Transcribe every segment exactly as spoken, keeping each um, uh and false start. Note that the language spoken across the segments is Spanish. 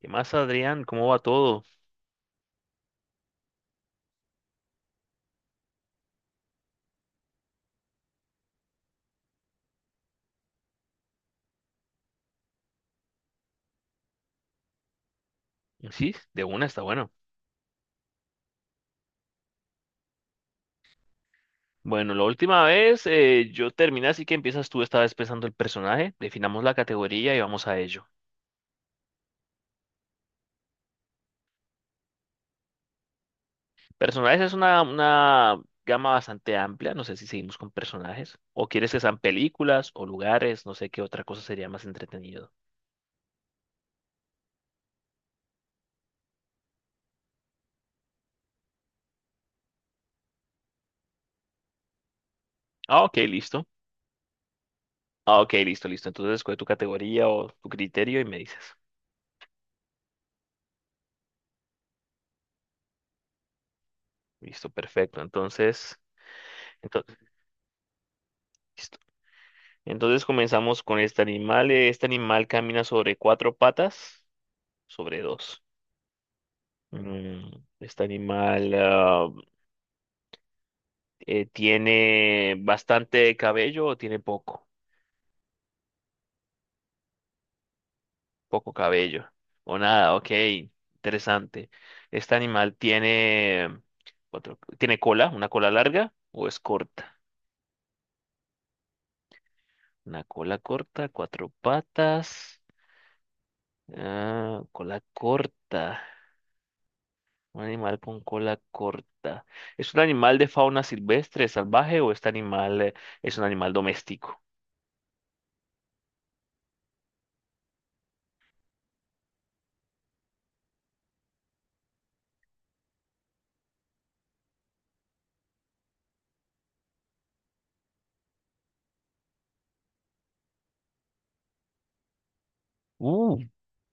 ¿Qué más, Adrián? ¿Cómo va todo? Sí, de una está bueno. Bueno, la última vez eh, yo terminé, así que empiezas tú esta vez pensando el personaje, definamos la categoría y vamos a ello. Personajes es una, una gama bastante amplia, no sé si seguimos con personajes, o quieres que sean películas o lugares, no sé qué otra cosa sería más entretenido. Ah, ok, listo. Ah, ok, listo, listo. Entonces escoge tu categoría o tu criterio y me dices. Listo, perfecto. Entonces, entonces, Entonces comenzamos con este animal. Eh, Este animal camina sobre cuatro patas, sobre dos. Mm, Este animal ah, eh, tiene bastante cabello o tiene poco, poco cabello. O nada, ok, interesante. Este animal tiene cuatro, tiene cola, una cola larga o es corta. Una cola corta, cuatro patas, ah, cola corta. Un animal con cola corta. ¿Es un animal de fauna silvestre, salvaje o este animal eh, es un animal doméstico? Uh,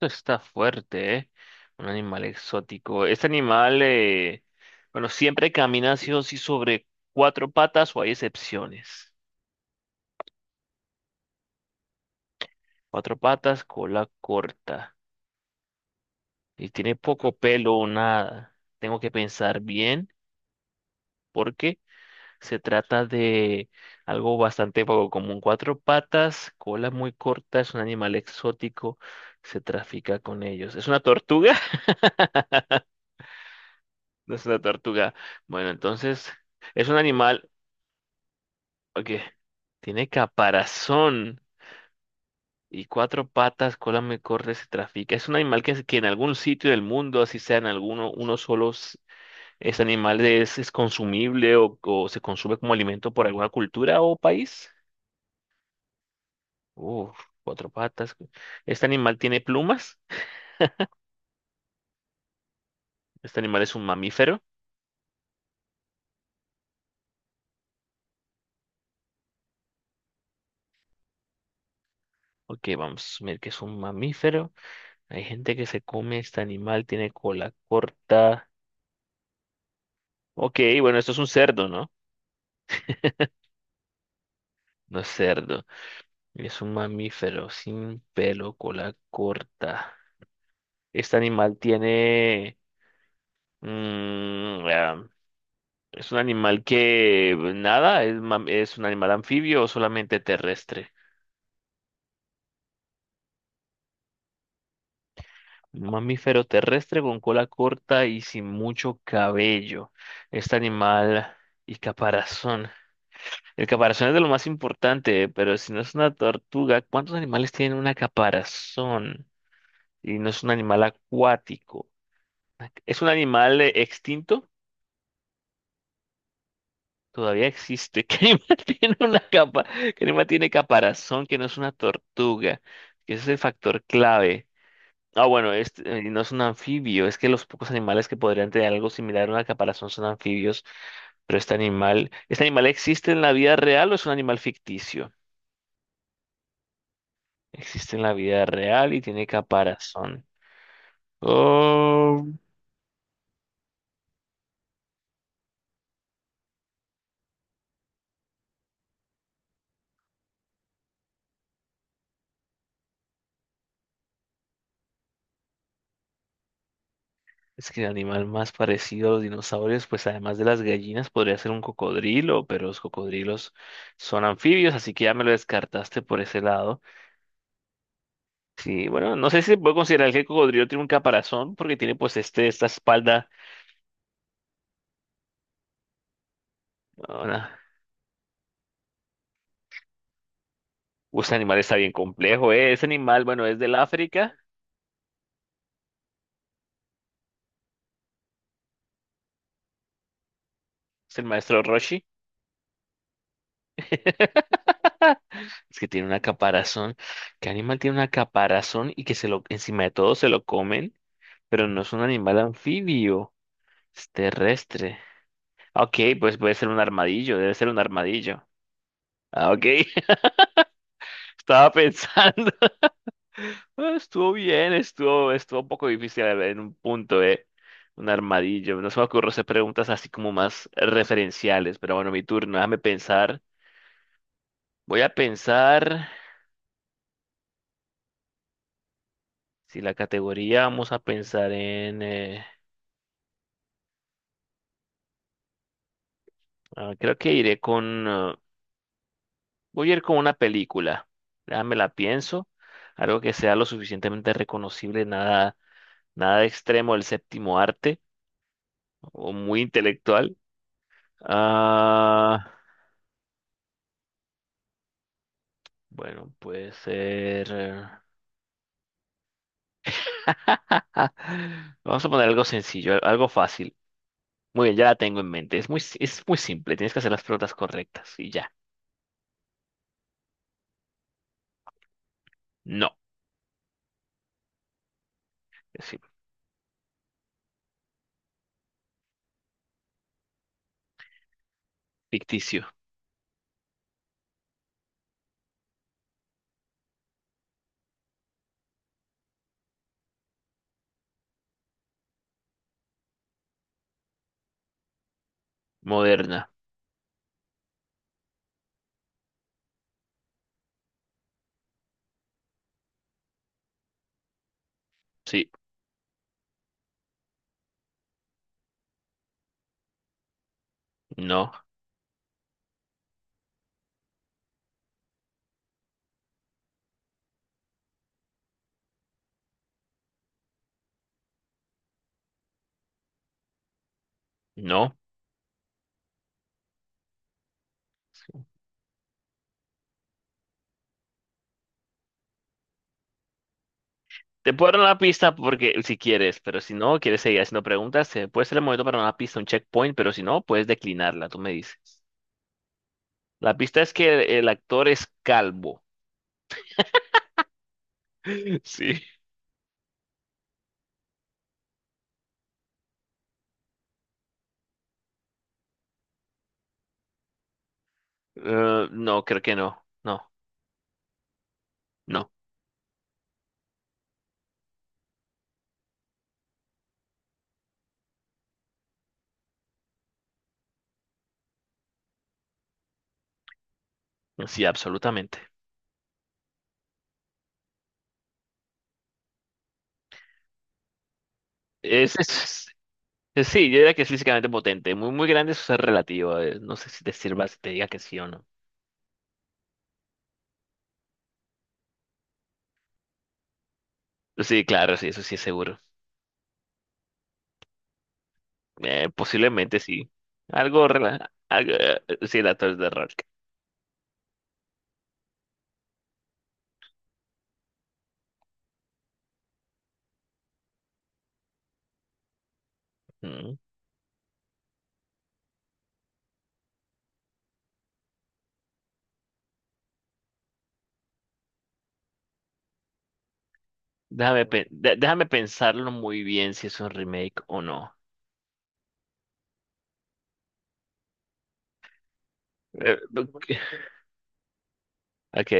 esto está fuerte, ¿eh? Un animal exótico. Este animal, eh, bueno, siempre camina sí o sí sobre cuatro patas o hay excepciones. Cuatro patas, cola corta. Y tiene poco pelo o nada. Tengo que pensar bien porque se trata de algo bastante poco común. Cuatro patas, cola muy corta, es un animal exótico, se trafica con ellos. ¿Es una tortuga? No es una tortuga. Bueno, entonces es un animal que tiene caparazón y cuatro patas, cola muy corta, se trafica. Es un animal que, que en algún sitio del mundo, así sea en alguno, uno solo, s- ese animal es, es consumible o, o se consume como alimento por alguna cultura o país. Uf, cuatro patas. ¿Este animal tiene plumas? ¿Este animal es un mamífero? Ok, vamos a ver que es un mamífero. Hay gente que se come este animal, tiene cola corta. Ok, bueno, esto es un cerdo, ¿no? No es cerdo. Es un mamífero sin pelo, cola corta. Este animal tiene... mm, ah, es un animal que nada, es, mam- es un animal anfibio o solamente terrestre. Un mamífero terrestre con cola corta y sin mucho cabello. Este animal y caparazón. El caparazón es de lo más importante, pero si no es una tortuga, ¿cuántos animales tienen una caparazón? Y no es un animal acuático. ¿Es un animal eh, extinto? Todavía existe. ¿Qué animal tiene una capa? ¿Qué animal tiene caparazón que no es una tortuga? Que ese es el factor clave. Ah, bueno, este, eh, no es un anfibio, es que los pocos animales que podrían tener algo similar a una caparazón son anfibios, pero este animal, ¿este animal existe en la vida real o es un animal ficticio? Existe en la vida real y tiene caparazón. Oh, es que el animal más parecido a los dinosaurios, pues además de las gallinas, podría ser un cocodrilo, pero los cocodrilos son anfibios, así que ya me lo descartaste por ese lado. Sí, bueno, no sé si se puede considerar que el cocodrilo tiene un caparazón porque tiene pues este, esta espalda. Ah, uy, ese animal está bien complejo, ¿eh? Ese animal, bueno, es del África, es el maestro Roshi. Es que tiene una caparazón. ¿Qué animal tiene una caparazón y que se lo, encima de todo se lo comen? Pero no es un animal anfibio, es terrestre. Ok, pues puede ser un armadillo, debe ser un armadillo. Ah, ok, estaba pensando. Eh, Estuvo bien, estuvo, estuvo un poco difícil en un punto, eh. Un armadillo. No se me ocurre hacer preguntas así como más referenciales, pero bueno, mi turno. Déjame pensar. Voy a pensar. Si la categoría vamos a pensar en. eh, ah, creo que iré con. eh, voy a ir con una película. Déjame la pienso. Algo que sea lo suficientemente reconocible, nada, nada extremo del séptimo arte o muy intelectual. Ah. Bueno, puede ser. eh, Vamos a poner algo sencillo, al- algo fácil. Muy bien, ya la tengo en mente. Es muy, si- es muy simple. Tienes que hacer las preguntas correctas y ya. No. Es sim- ficticio. Moderna. Sí. No. No. Te puedo dar una pista porque si quieres, pero si no, quieres seguir haciendo preguntas, eh, puede ser el momento para una pista, un checkpoint, pero si no, puedes declinarla. Tú me dices. La pista es que el, el actor es calvo. Sí. Eh, no, creo que no. No. No. Sí, absolutamente. Es, es- es- sí, yo diría que es físicamente potente. Muy, muy grande, eso es relativo. eh, No sé si te sirva, si te diga que sí o no. Sí, claro, sí, eso sí es seguro. Eh, posiblemente sí. Algo, rela- algo, eh, sí, el actor de Rock. Mm. Déjame, pe- de- déjame pensarlo muy bien si es un remake o no. Eh, ok,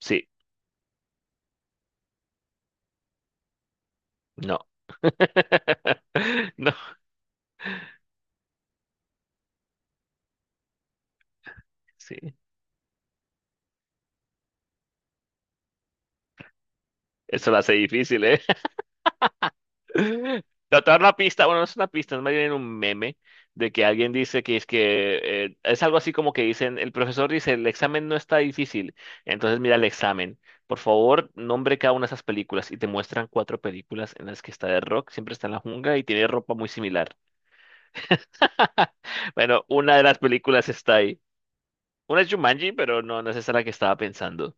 sí, no. No, sí. Eso lo hace difícil, ¿eh? No, te voy a dar una pista, bueno, no es una pista, es más bien un meme de que alguien dice que es que eh, es algo así como que dicen, el profesor dice, el examen no está difícil, entonces mira el examen. Por favor, nombre cada una de esas películas y te muestran cuatro películas en las que está de rock, siempre está en la jungla y tiene ropa muy similar. Bueno, una de las películas está ahí. Una es Jumanji, pero no, no es esa la que estaba pensando.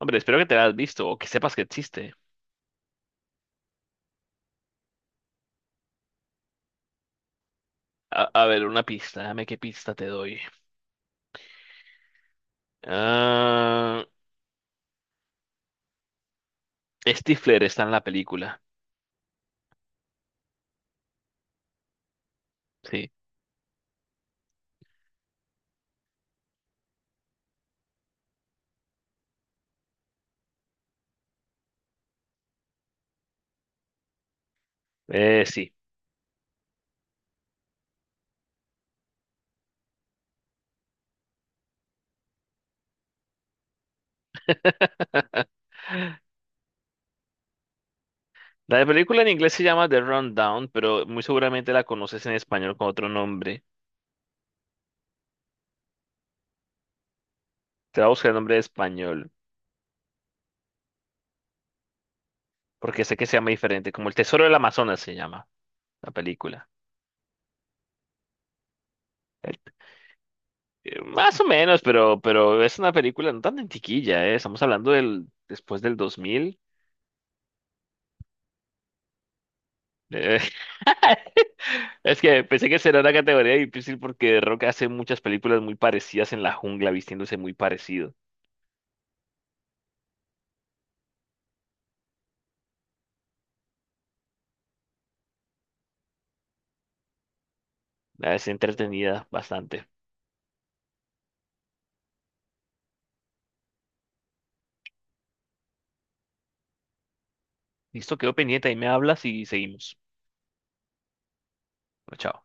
Hombre, espero que te la hayas visto o que sepas que existe. A, a ver, una pista, dame qué pista te doy. Ah, Stifler está en la película. Sí. Eh, sí. La película en inglés se llama The Rundown, pero muy seguramente la conoces en español con otro nombre. Te voy a buscar el nombre de español, porque sé que se llama diferente, como El Tesoro del Amazonas se llama la película. El- eh, más o menos, pero, pero es una película no tan antiquilla, ¿eh? Estamos hablando del después del dos mil. Eh, es que pensé que será una categoría difícil porque Rock hace muchas películas muy parecidas en la jungla, vistiéndose muy parecido. Es entretenida bastante. Listo, quedó pendiente, ahí me hablas y seguimos. Chao.